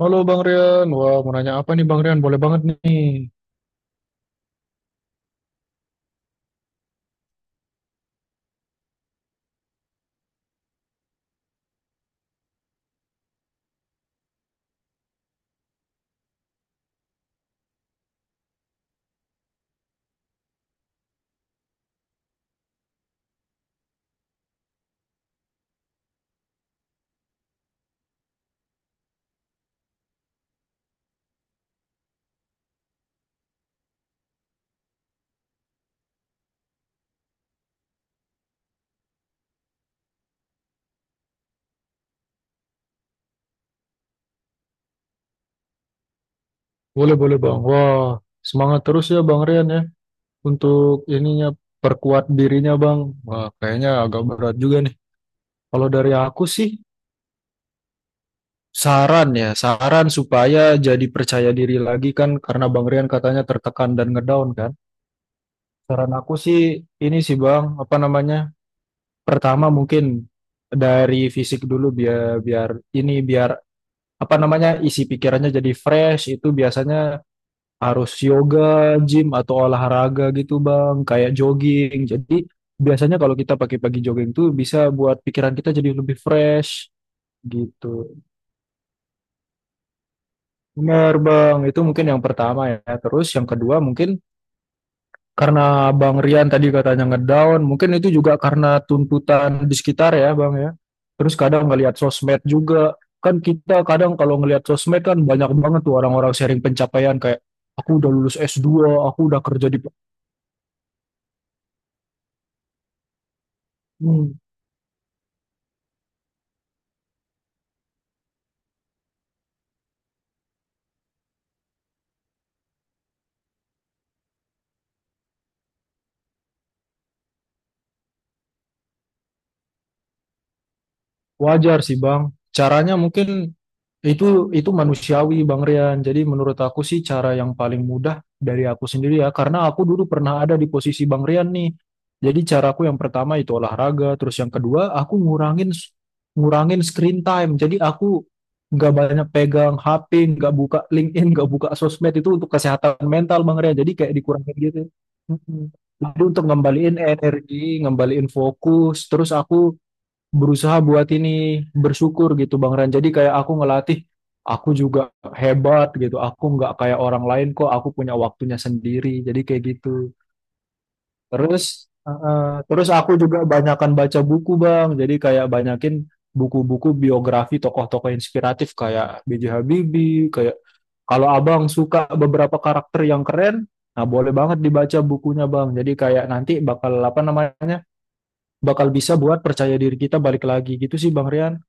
Halo Bang Rian, wah mau nanya apa nih Bang Rian? Boleh banget nih. Boleh, boleh Bang. Wah, semangat terus ya Bang Rian ya untuk ininya perkuat dirinya Bang. Wah, kayaknya agak berat juga nih. Kalau dari aku sih saran ya, saran supaya jadi percaya diri lagi kan karena Bang Rian katanya tertekan dan ngedown kan. Saran aku sih ini sih Bang, apa namanya? Pertama mungkin dari fisik dulu biar biar ini biar apa namanya isi pikirannya jadi fresh itu biasanya harus yoga, gym atau olahraga gitu Bang, kayak jogging. Jadi biasanya kalau kita pagi-pagi jogging tuh bisa buat pikiran kita jadi lebih fresh gitu. Benar Bang, itu mungkin yang pertama ya. Terus yang kedua mungkin karena Bang Rian tadi katanya ngedown, mungkin itu juga karena tuntutan di sekitar ya Bang ya. Terus kadang ngelihat sosmed juga. Kan kita kadang kalau ngelihat sosmed kan banyak banget tuh orang-orang sharing pencapaian kayak aku udah lulus S2, aku udah kerja di Hmm. Wajar sih Bang. Caranya mungkin itu itu manusiawi Bang Rian. Jadi menurut aku sih cara yang paling mudah dari aku sendiri ya, karena aku dulu pernah ada di posisi Bang Rian nih. Jadi caraku yang pertama itu olahraga, terus yang kedua aku ngurangin ngurangin screen time. Jadi aku nggak banyak pegang HP, nggak buka LinkedIn, nggak buka sosmed itu untuk kesehatan mental Bang Rian. Jadi kayak dikurangin gitu. Mm-mm. Jadi untuk ngembaliin energi, ngembaliin fokus, terus aku berusaha buat ini bersyukur gitu Bang Ran. Jadi kayak aku ngelatih, aku juga hebat gitu. Aku nggak kayak orang lain kok. Aku punya waktunya sendiri. Jadi kayak gitu. Terus eh, eh, terus aku juga banyakan baca buku Bang. Jadi kayak banyakin buku-buku biografi tokoh-tokoh inspiratif kayak B J Habibie, kayak kalau Abang suka beberapa karakter yang keren, nah boleh banget dibaca bukunya Bang. Jadi kayak nanti bakal apa namanya? Bakal bisa buat percaya diri kita balik lagi gitu sih Bang Rian.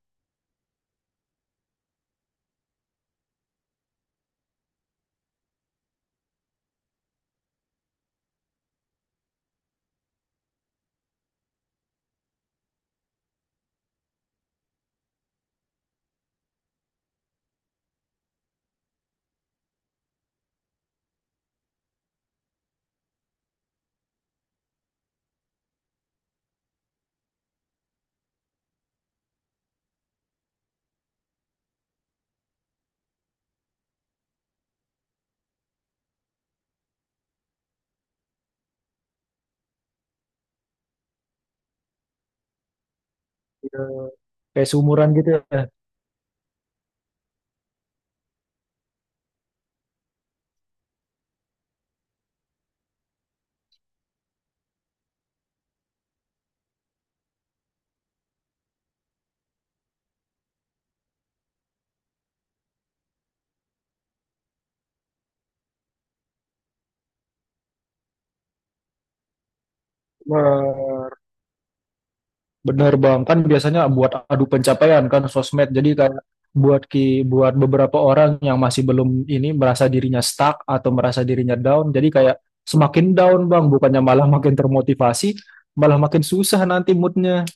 Kayak seumuran gitu ya. Ber- Bener Bang, kan biasanya buat adu pencapaian kan sosmed. Jadi kayak buat ki buat beberapa orang yang masih belum ini merasa dirinya stuck atau merasa dirinya down. Jadi kayak semakin down Bang, bukannya malah makin termotivasi, malah makin susah nanti moodnya.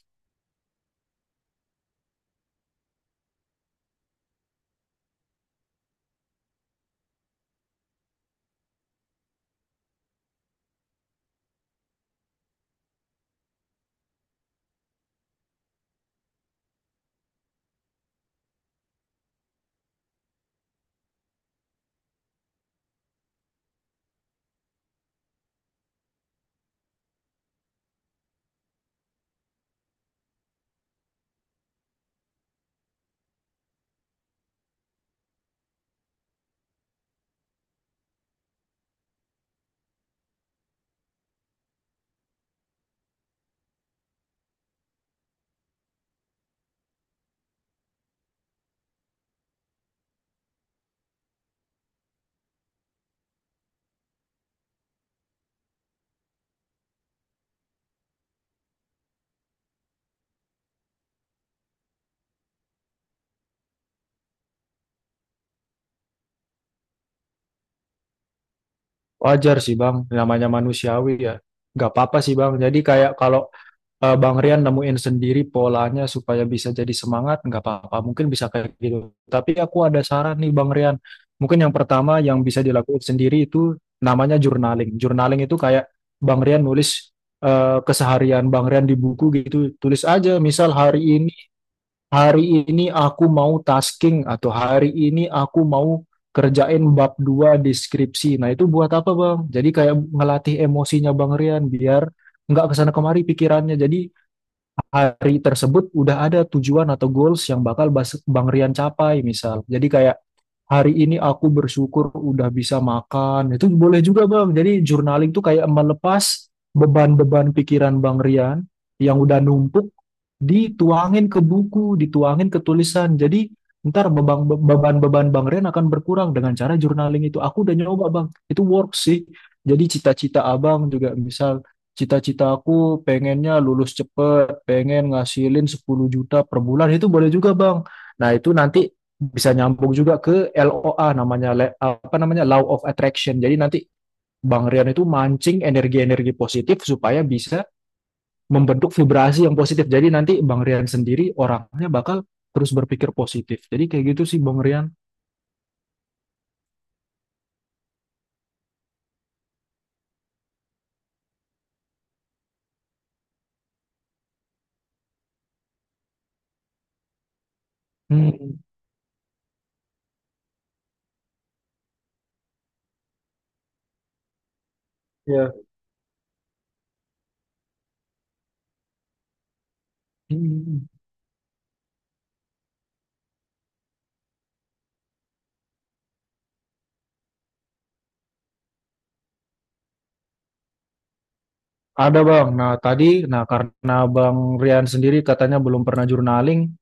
Wajar sih Bang, namanya manusiawi ya. Gak apa-apa sih Bang. Jadi kayak kalau Bang Rian nemuin sendiri polanya supaya bisa jadi semangat, nggak apa-apa. Mungkin bisa kayak gitu. Tapi aku ada saran nih Bang Rian. Mungkin yang pertama yang bisa dilakukan sendiri itu namanya journaling. Journaling itu kayak Bang Rian nulis keseharian Bang Rian di buku gitu. Tulis aja, misal hari ini aku mau tasking atau hari ini aku mau kerjain bab 2 deskripsi. Nah itu buat apa Bang? Jadi kayak ngelatih emosinya Bang Rian biar nggak kesana kemari pikirannya. Jadi hari tersebut udah ada tujuan atau goals yang bakal Bang Rian capai misal. Jadi kayak hari ini aku bersyukur udah bisa makan. Itu boleh juga Bang. Jadi journaling tuh kayak melepas beban-beban pikiran Bang Rian yang udah numpuk dituangin ke buku, dituangin ke tulisan. Jadi ntar beban-beban Bang Ren akan berkurang dengan cara journaling itu. Aku udah nyoba Bang, itu work sih. Jadi cita-cita Abang juga misal cita-cita aku pengennya lulus cepet, pengen ngasilin 10 juta per bulan, itu boleh juga Bang. Nah itu nanti bisa nyambung juga ke LOA namanya apa namanya Law of Attraction. Jadi nanti Bang Rian itu mancing energi-energi positif supaya bisa membentuk vibrasi yang positif. Jadi nanti Bang Rian sendiri orangnya bakal terus berpikir positif. Jadi kayak gitu sih Bang Rian. Hmm, ya. Hmm. Ada Bang. Nah tadi, nah karena Bang Rian sendiri katanya belum pernah journaling,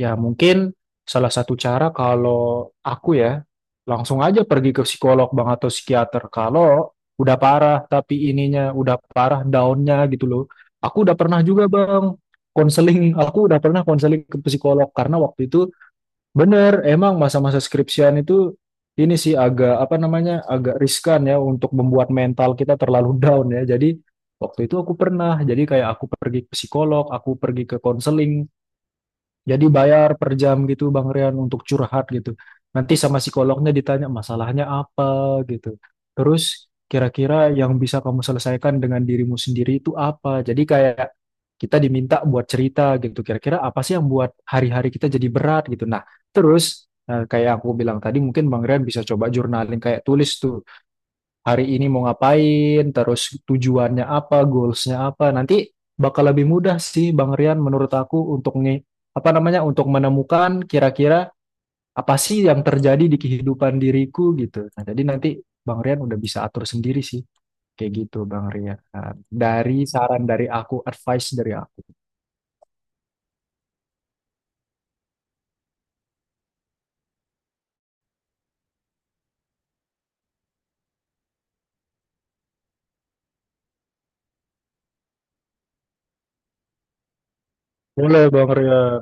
ya mungkin salah satu cara kalau aku ya langsung aja pergi ke psikolog Bang atau psikiater. Kalau udah parah tapi ininya udah parah downnya gitu loh. Aku udah pernah juga Bang konseling, aku udah pernah konseling ke psikolog karena waktu itu bener, emang masa-masa skripsian itu ini sih agak apa namanya agak riskan ya untuk membuat mental kita terlalu down ya. Jadi waktu itu aku pernah, jadi kayak aku pergi ke psikolog, aku pergi ke konseling jadi bayar per jam gitu Bang Rian untuk curhat gitu. Nanti sama psikolognya ditanya masalahnya apa gitu. Terus kira-kira yang bisa kamu selesaikan dengan dirimu sendiri itu apa? Jadi kayak kita diminta buat cerita gitu. Kira-kira apa sih yang buat hari-hari kita jadi berat gitu. Nah, terus kayak aku bilang tadi mungkin Bang Rian bisa coba jurnalin kayak tulis tuh hari ini mau ngapain, terus tujuannya apa, goalsnya apa. Nanti bakal lebih mudah sih Bang Rian menurut aku untuk nih apa namanya untuk menemukan kira-kira apa sih yang terjadi di kehidupan diriku gitu. Nah, jadi nanti Bang Rian udah bisa atur sendiri sih kayak gitu Bang Rian. Nah, dari saran dari aku, advice dari aku. Boleh Bang Rian.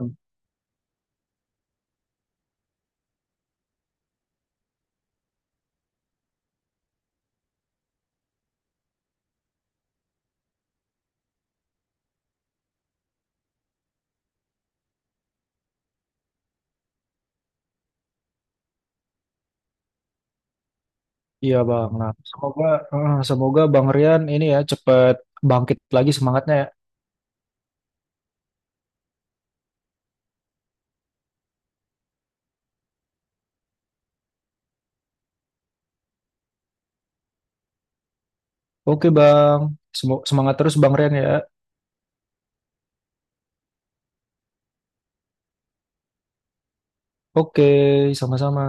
Iya Bang. Nah, semoga semoga Bang Rian ini ya cepet bangkit lagi semangatnya ya. Oke Bang. Semangat terus Bang Rian ya. Oke, sama-sama.